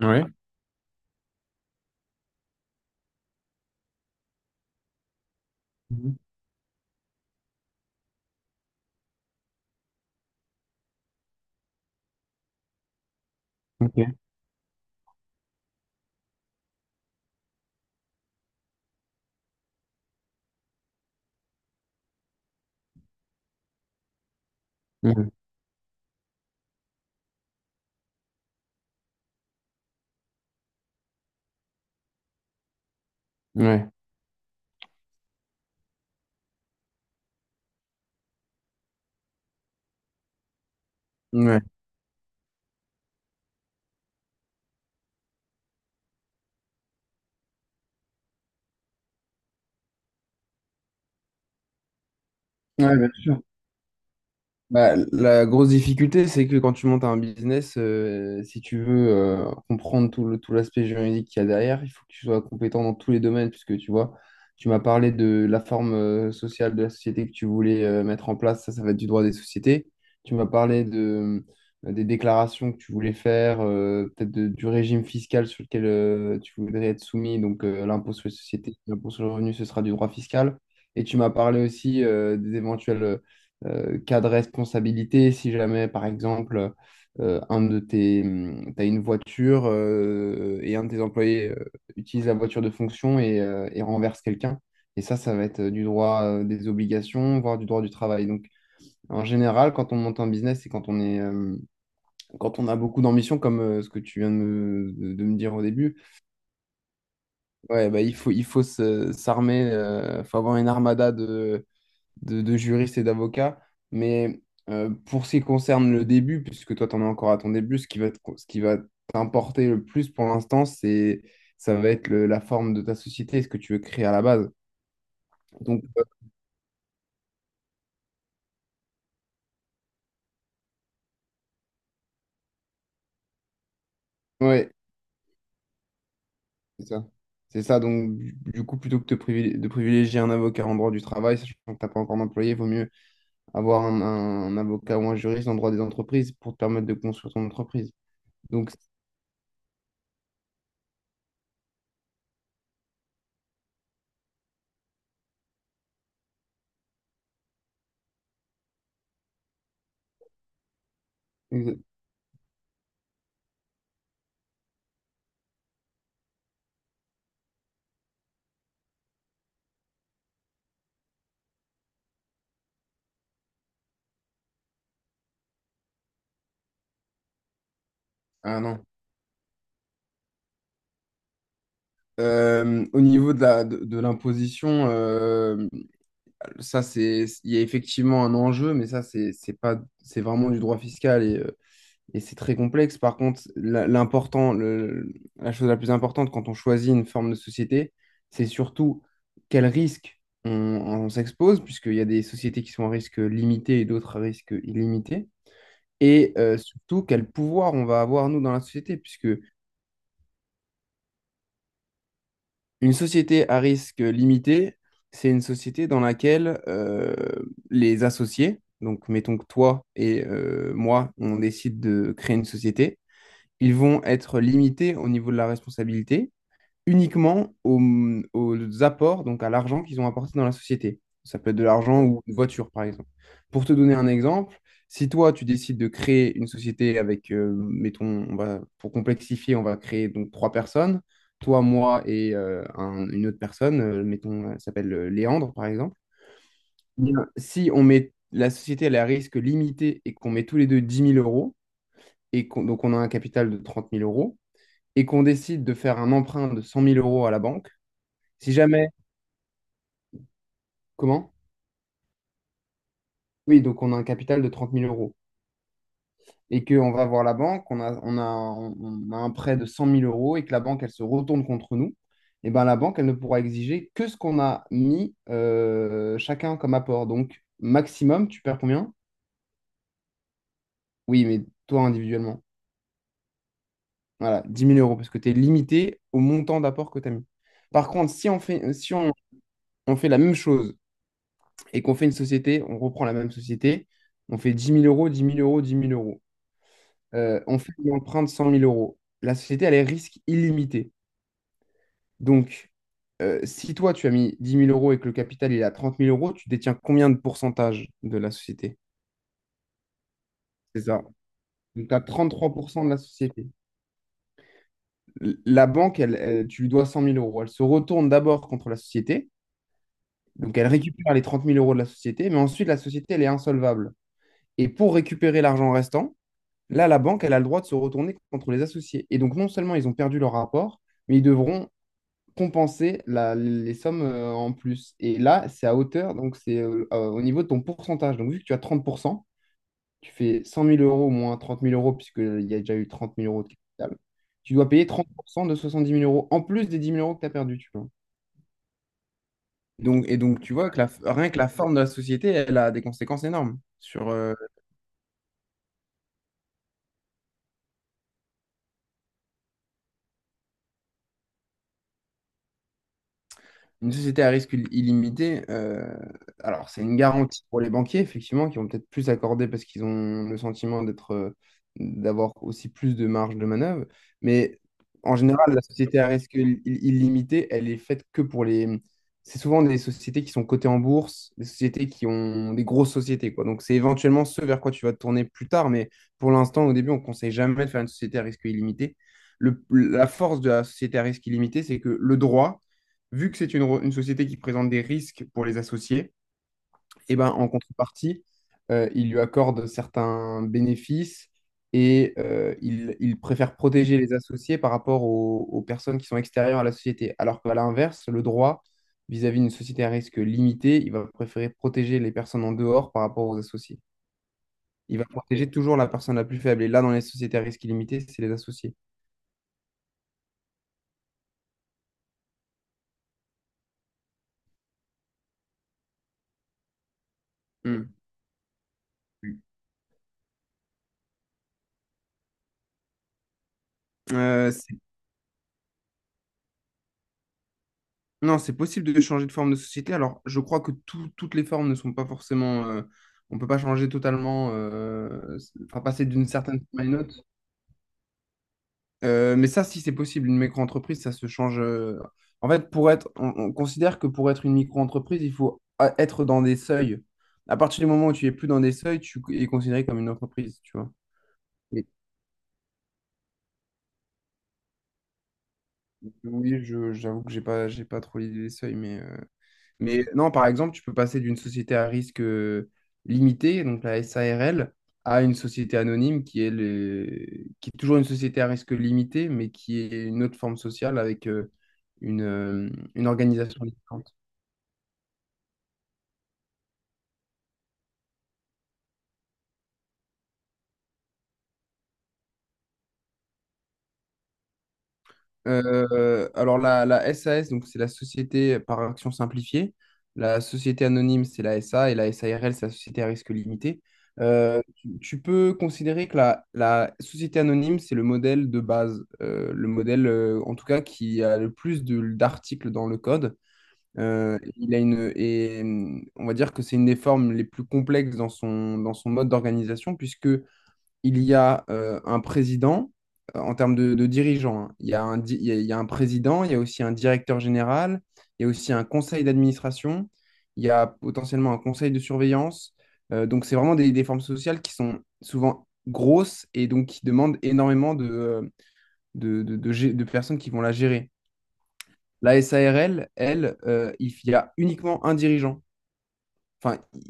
Ouais. Mhm. Ok. Mhm. Ouais. Ouais. Ouais, bien sûr. Bah, la grosse difficulté, c'est que quand tu montes un business, si tu veux comprendre tout tout l'aspect juridique qu'il y a derrière, il faut que tu sois compétent dans tous les domaines, puisque tu vois, tu m'as parlé de la forme sociale de la société que tu voulais mettre en place, ça va être du droit des sociétés. Tu m'as parlé des déclarations que tu voulais faire, peut-être du régime fiscal sur lequel tu voudrais être soumis, donc l'impôt sur les sociétés, l'impôt sur le revenu, ce sera du droit fiscal. Et tu m'as parlé aussi des éventuels cas de responsabilité, si jamais, par exemple, un de t'as une voiture et un de tes employés utilise la voiture de fonction et renverse quelqu'un. Et ça va être du droit des obligations, voire du droit du travail. Donc, en général, quand on monte un business et quand quand on a beaucoup d'ambition, comme ce que tu viens de me dire au début, ouais, bah, il faut s'armer, faut avoir une armada de juriste et d'avocat. Mais pour ce qui concerne le début, puisque toi, tu en es encore à ton début, ce qui va t'importer le plus pour l'instant, ça va être la forme de ta société, ce que tu veux créer à la base. Donc, ouais, c'est ça. C'est ça. Donc, du coup, plutôt que de privilégier un avocat en droit du travail, sachant que tu n'as pas encore d'employé, il vaut mieux avoir un avocat ou un juriste en droit des entreprises pour te permettre de construire ton entreprise. Donc, c'est- ah non. Au niveau de de l'imposition, il y a effectivement un enjeu, mais ça c'est pas, c'est vraiment du droit fiscal et c'est très complexe. Par contre, la chose la plus importante quand on choisit une forme de société, c'est surtout quel risque on s'expose, puisqu'il y a des sociétés qui sont à risque limité et d'autres à risque illimité, surtout quel pouvoir on va avoir nous dans la société, puisque une société à risque limité, c'est une société dans laquelle les associés, donc mettons que toi moi, on décide de créer une société, ils vont être limités au niveau de la responsabilité, uniquement aux apports, donc à l'argent qu'ils ont apporté dans la société. Ça peut être de l'argent ou une voiture, par exemple. Pour te donner un exemple, si toi, tu décides de créer une société avec, mettons, pour complexifier, on va créer donc trois personnes, toi, moi une autre personne, mettons, elle s'appelle Léandre, par exemple. Bien, si on met la société elle est à risque limité et qu'on met tous les deux dix mille euros, donc on a un capital de trente mille euros, et qu'on décide de faire un emprunt de 100 000 € à la banque, si jamais, comment? Oui, donc on a un capital de trente mille euros et qu'on va voir la banque, on a un prêt de 100 000 € et que la banque, elle se retourne contre nous, et ben la banque, elle ne pourra exiger que ce qu'on a mis chacun comme apport. Donc, maximum, tu perds combien? Oui, mais toi individuellement. Voilà, 10 000 € parce que tu es limité au montant d'apport que tu as mis. Par contre, si on fait, si on, on fait la même chose et qu'on fait une société, on reprend la même société, on fait dix mille euros, dix mille euros, dix mille euros. On fait une empreinte 100 000 euros. La société, elle est risque illimité. Donc, si toi, tu as mis 10 000 euros et que le capital il est à 30 000 euros, tu détiens combien de pourcentage de la société? C'est ça. Donc, tu as 33% de la société. La banque, tu lui dois 100 000 euros. Elle se retourne d'abord contre la société. Donc, elle récupère les 30 000 euros de la société, mais ensuite, la société, elle est insolvable. Et pour récupérer l'argent restant, là, la banque, elle a le droit de se retourner contre les associés. Et donc, non seulement ils ont perdu leur rapport, mais ils devront compenser les sommes en plus. Et là, c'est à hauteur, donc c'est au niveau de ton pourcentage. Donc, vu que tu as 30%, tu fais 100 000 € moins trente mille euros, puisqu'il y a déjà eu trente mille euros de capital, tu dois payer 30% de 70 000 € en plus des 10 000 € que tu as perdus, tu vois. Donc, tu vois que rien que la forme de la société, elle a des conséquences énormes sur, une société à risque illimité, alors c'est une garantie pour les banquiers, effectivement, qui vont peut-être plus accorder parce qu'ils ont le sentiment d'être, d'avoir aussi plus de marge de manœuvre. Mais en général, la société à risque illimité, elle est faite que pour les... C'est souvent des sociétés qui sont cotées en bourse, des sociétés qui ont des grosses sociétés, quoi. Donc c'est éventuellement ce vers quoi tu vas te tourner plus tard, mais pour l'instant, au début, on ne conseille jamais de faire une société à risque illimité. La force de la société à risque illimité, c'est que le droit vu que c'est une société qui présente des risques pour les associés, eh ben, en contrepartie, il lui accorde certains bénéfices il préfère protéger les associés par rapport aux personnes qui sont extérieures à la société. Alors qu'à l'inverse, le droit vis-à-vis d'une société à risque limité, il va préférer protéger les personnes en dehors par rapport aux associés. Il va protéger toujours la personne la plus faible. Et là, dans les sociétés à risque illimité, c'est les associés. Mm. Euh, Non, c'est possible de changer de forme de société. Alors, je crois que toutes les formes ne sont pas forcément. On ne peut pas changer totalement, enfin, passer d'une certaine forme à une autre. Mais ça, si c'est possible, une micro-entreprise, ça se change. En fait, on considère que pour être une micro-entreprise, il faut être dans des seuils. À partir du moment où tu es plus dans des seuils, tu es considéré comme une entreprise, tu vois. Et- oui, j'avoue que j'ai pas trop l'idée des seuils, mais. Mais non, par exemple, tu peux passer d'une société à risque limité, donc la SARL, à une société anonyme qui est toujours une société à risque limité, mais qui est une autre forme sociale avec une organisation différente. Alors la SAS, donc c'est la société par action simplifiée. La société anonyme, c'est la SA et la SARL, c'est la société à risque limité. Tu peux considérer que la société anonyme, c'est le modèle de base, le modèle en tout cas qui a le plus d'articles dans le code. Il a une, et on va dire que c'est une des formes les plus complexes dans dans son mode d'organisation, puisque il y a un président en termes de dirigeants. Hein. Il y a il y a un président, il y a aussi un directeur général, il y a aussi un conseil d'administration, il y a potentiellement un conseil de surveillance. Donc, c'est vraiment des formes sociales qui sont souvent grosses et donc qui demandent énormément de, de personnes qui vont la gérer. La SARL, elle, il y a uniquement un dirigeant enfin,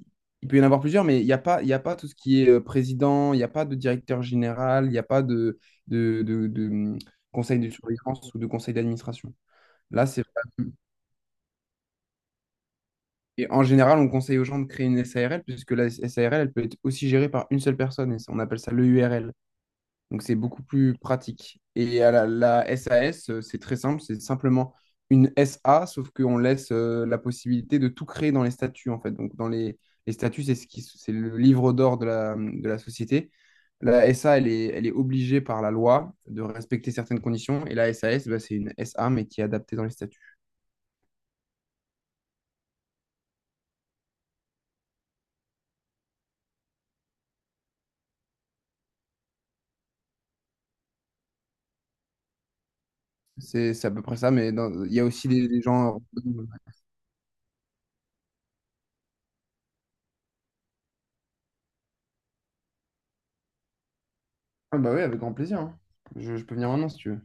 il peut y en avoir plusieurs, mais il y a pas tout ce qui est président, il n'y a pas de directeur général, il n'y a pas de, de- de, hum, conseil de surveillance ou de conseil d'administration. Là, c'est vraiment- Et en général, on conseille aux gens de créer une SARL, puisque la SARL, elle peut être aussi gérée par une seule personne, on appelle ça l'EURL. Donc c'est beaucoup plus pratique. Et à la SAS, c'est très simple, c'est simplement une SA, sauf qu'on laisse la possibilité de tout créer dans les statuts, en fait. Donc dans les statuts, c'est le livre d'or de de la société. La SA, elle est obligée par la loi de respecter certaines conditions, et la SAS, bah, c'est une SA, mais qui est adaptée dans les statuts. C'est à peu près ça, mais il y a aussi des gens... Ah bah oui, avec grand plaisir. Hein. Je peux venir maintenant si tu veux.